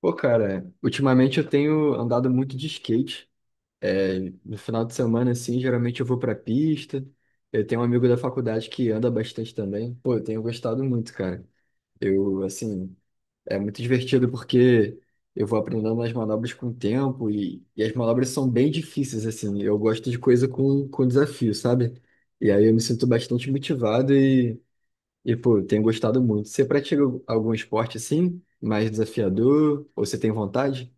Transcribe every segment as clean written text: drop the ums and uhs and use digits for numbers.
Pô, cara, ultimamente eu tenho andado muito de skate. É, no final de semana, assim, geralmente eu vou pra pista. Eu tenho um amigo da faculdade que anda bastante também. Pô, eu tenho gostado muito, cara. Eu, assim, é muito divertido porque eu vou aprendendo as manobras com o tempo e as manobras são bem difíceis, assim. Eu gosto de coisa com desafio, sabe? E aí eu me sinto bastante motivado e, pô, eu tenho gostado muito. Você pratica algum esporte assim, mais desafiador, ou você tem vontade?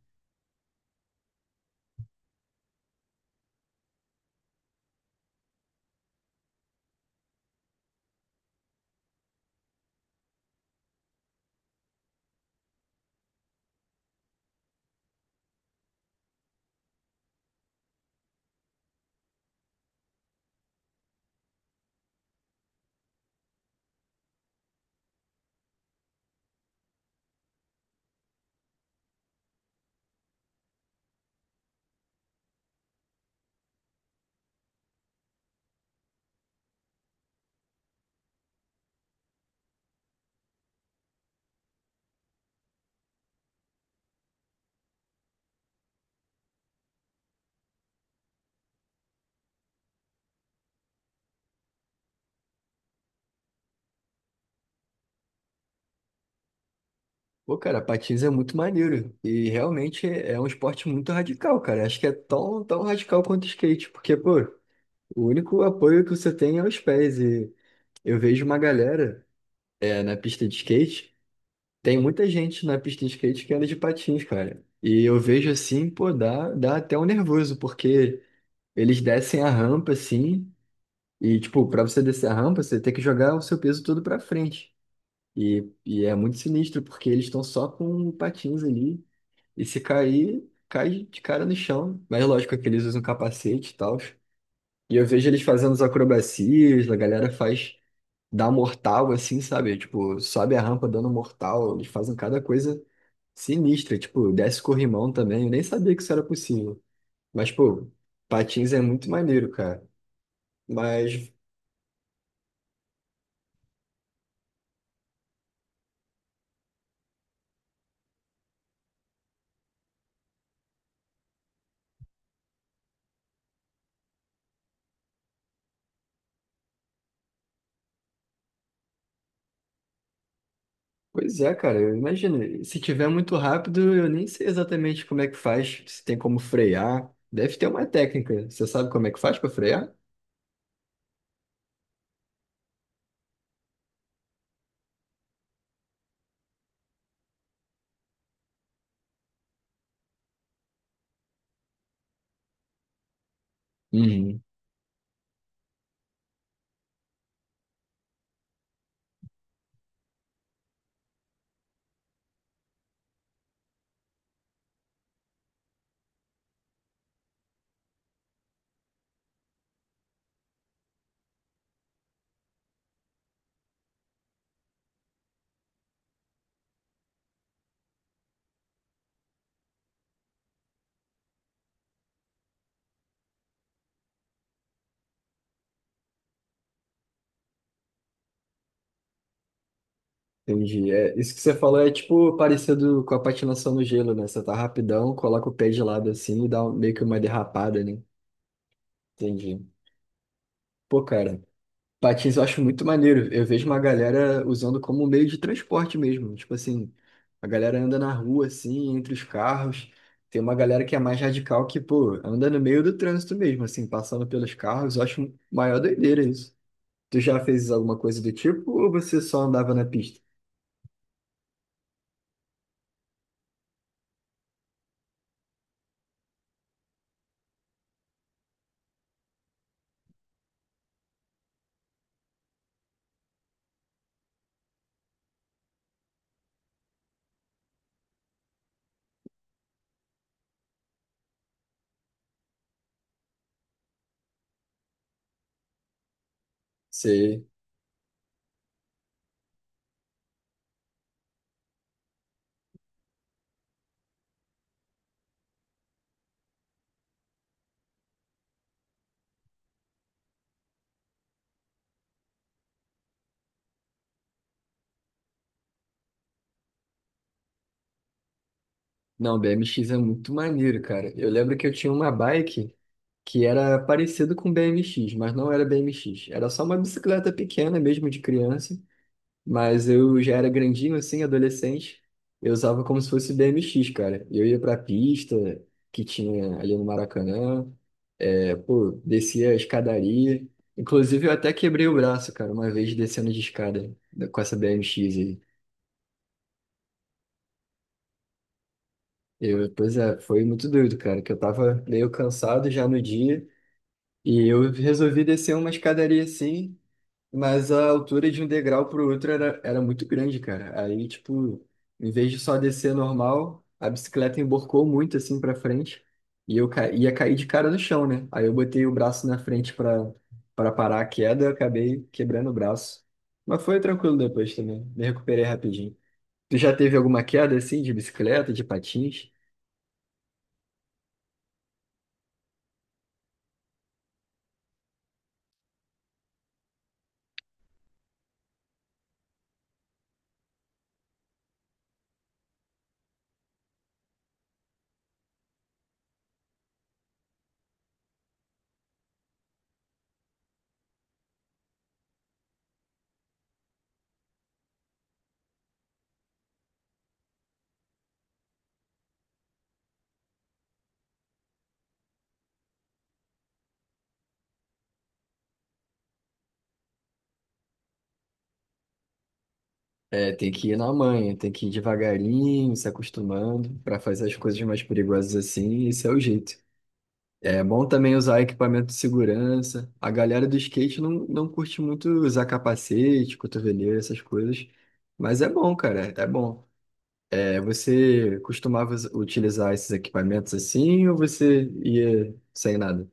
Pô, cara, patins é muito maneiro. E realmente é um esporte muito radical, cara. Acho que é tão radical quanto o skate, porque, pô, o único apoio que você tem é os pés. E eu vejo uma galera na pista de skate. Tem muita gente na pista de skate que anda de patins, cara. E eu vejo assim, pô, dá até um nervoso, porque eles descem a rampa assim. E, tipo, pra você descer a rampa, você tem que jogar o seu peso todo pra frente. E é muito sinistro, porque eles estão só com patins ali. E se cair, cai de cara no chão. Mas lógico é que eles usam capacete e tal. E eu vejo eles fazendo as acrobacias, a galera faz, dá mortal assim, sabe? Tipo, sobe a rampa dando mortal. Eles fazem cada coisa sinistra. Tipo, desce corrimão também. Eu nem sabia que isso era possível. Mas, pô, patins é muito maneiro, cara. Mas pois é, cara, eu imagino. Se tiver muito rápido, eu nem sei exatamente como é que faz, se tem como frear. Deve ter uma técnica. Você sabe como é que faz para frear? Uhum. Entendi. É, isso que você falou é tipo parecido com a patinação no gelo, né? Você tá rapidão, coloca o pé de lado assim e dá um- meio que uma derrapada, né? Entendi. Pô, cara. Patins eu acho muito maneiro. Eu vejo uma galera usando como meio de transporte mesmo. Tipo assim, a galera anda na rua, assim, entre os carros. Tem uma galera que é mais radical que, pô, anda no meio do trânsito mesmo, assim, passando pelos carros. Eu acho maior doideira isso. Tu já fez alguma coisa do tipo ou você só andava na pista? Sei. Não, BMX é muito maneiro, cara. Eu lembro que eu tinha uma bike que era parecido com BMX, mas não era BMX. Era só uma bicicleta pequena mesmo de criança. Mas eu já era grandinho assim, adolescente. Eu usava como se fosse BMX, cara. Eu ia pra pista que tinha ali no Maracanã. É, pô, descia a escadaria. Inclusive, eu até quebrei o braço, cara, uma vez descendo de escada com essa BMX aí. Eu, pois é, foi muito doido, cara, que eu tava meio cansado já no dia. E eu resolvi descer uma escadaria assim. Mas a altura de um degrau pro outro era muito grande, cara. Aí, tipo, em vez de só descer normal, a bicicleta emborcou muito assim pra frente e eu ca... ia cair de cara no chão, né? Aí eu botei o braço na frente pra para parar a queda, eu acabei quebrando o braço. Mas foi tranquilo depois também, me recuperei rapidinho. Tu já teve alguma queda assim de bicicleta, de patins? É, tem que ir na manha, tem que ir devagarinho, se acostumando pra fazer as coisas mais perigosas assim, esse é o jeito. É bom também usar equipamento de segurança. A galera do skate não curte muito usar capacete, cotoveleira, essas coisas. Mas é bom, cara, é bom. É, você costumava us- utilizar esses equipamentos assim ou você ia sem nada?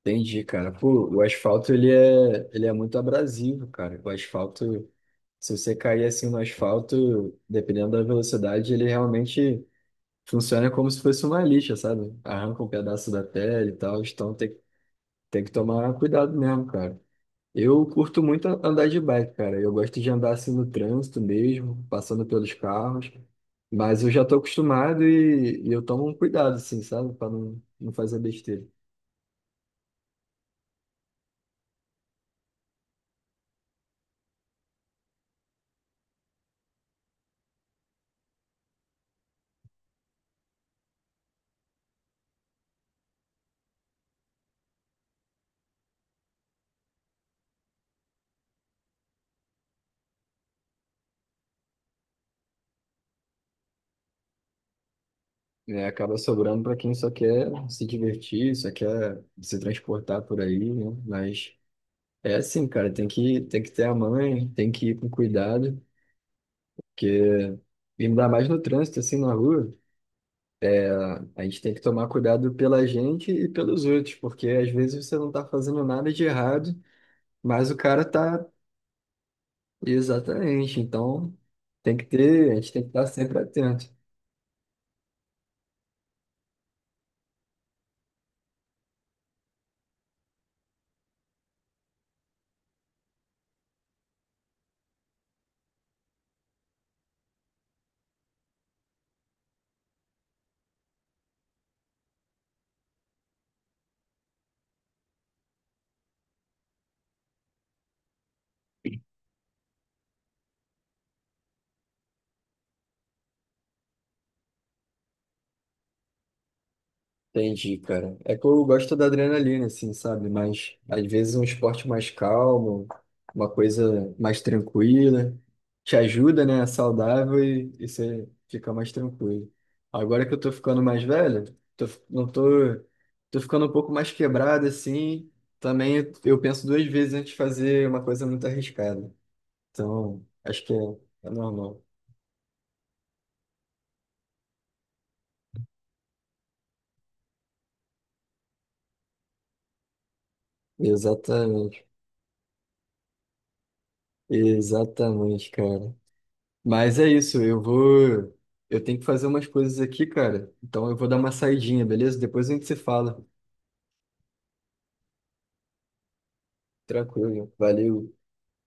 Entendi, cara. Pô, o asfalto ele é muito abrasivo, cara. O asfalto, se você cair assim no asfalto, dependendo da velocidade, ele realmente funciona como se fosse uma lixa, sabe? Arranca um pedaço da pele e tal, então tem que tem que tomar cuidado mesmo, cara. Eu curto muito andar de bike, cara. Eu gosto de andar assim no trânsito mesmo, passando pelos carros. Mas eu já tô acostumado e eu tomo um cuidado, assim, sabe? Pra não fazer besteira. É, acaba sobrando pra quem só quer se divertir, só quer se transportar por aí, né? Mas é assim, cara, tem que ter a mãe, tem que ir com cuidado, porque ainda mais no trânsito, assim, na rua. A gente tem que tomar cuidado pela gente e pelos outros, porque às vezes você não está fazendo nada de errado, mas o cara tá. Exatamente. Então, tem que ter, a gente tem que estar sempre atento. Entendi, cara. É que eu gosto da adrenalina, assim, sabe? Mas às vezes um esporte mais calmo, uma coisa mais tranquila, te ajuda, né? É saudável e você fica mais tranquilo. Agora que eu tô ficando mais velho, tô, fi- não tô, tô ficando um pouco mais quebrado, assim. Também eu penso duas vezes antes de fazer uma coisa muito arriscada. Então, acho que é, é normal. Exatamente. Exatamente, cara. Mas é isso, eu vou. Eu tenho que fazer umas coisas aqui, cara. Então eu vou dar uma saidinha, beleza? Depois a gente se fala. Tranquilo. Valeu.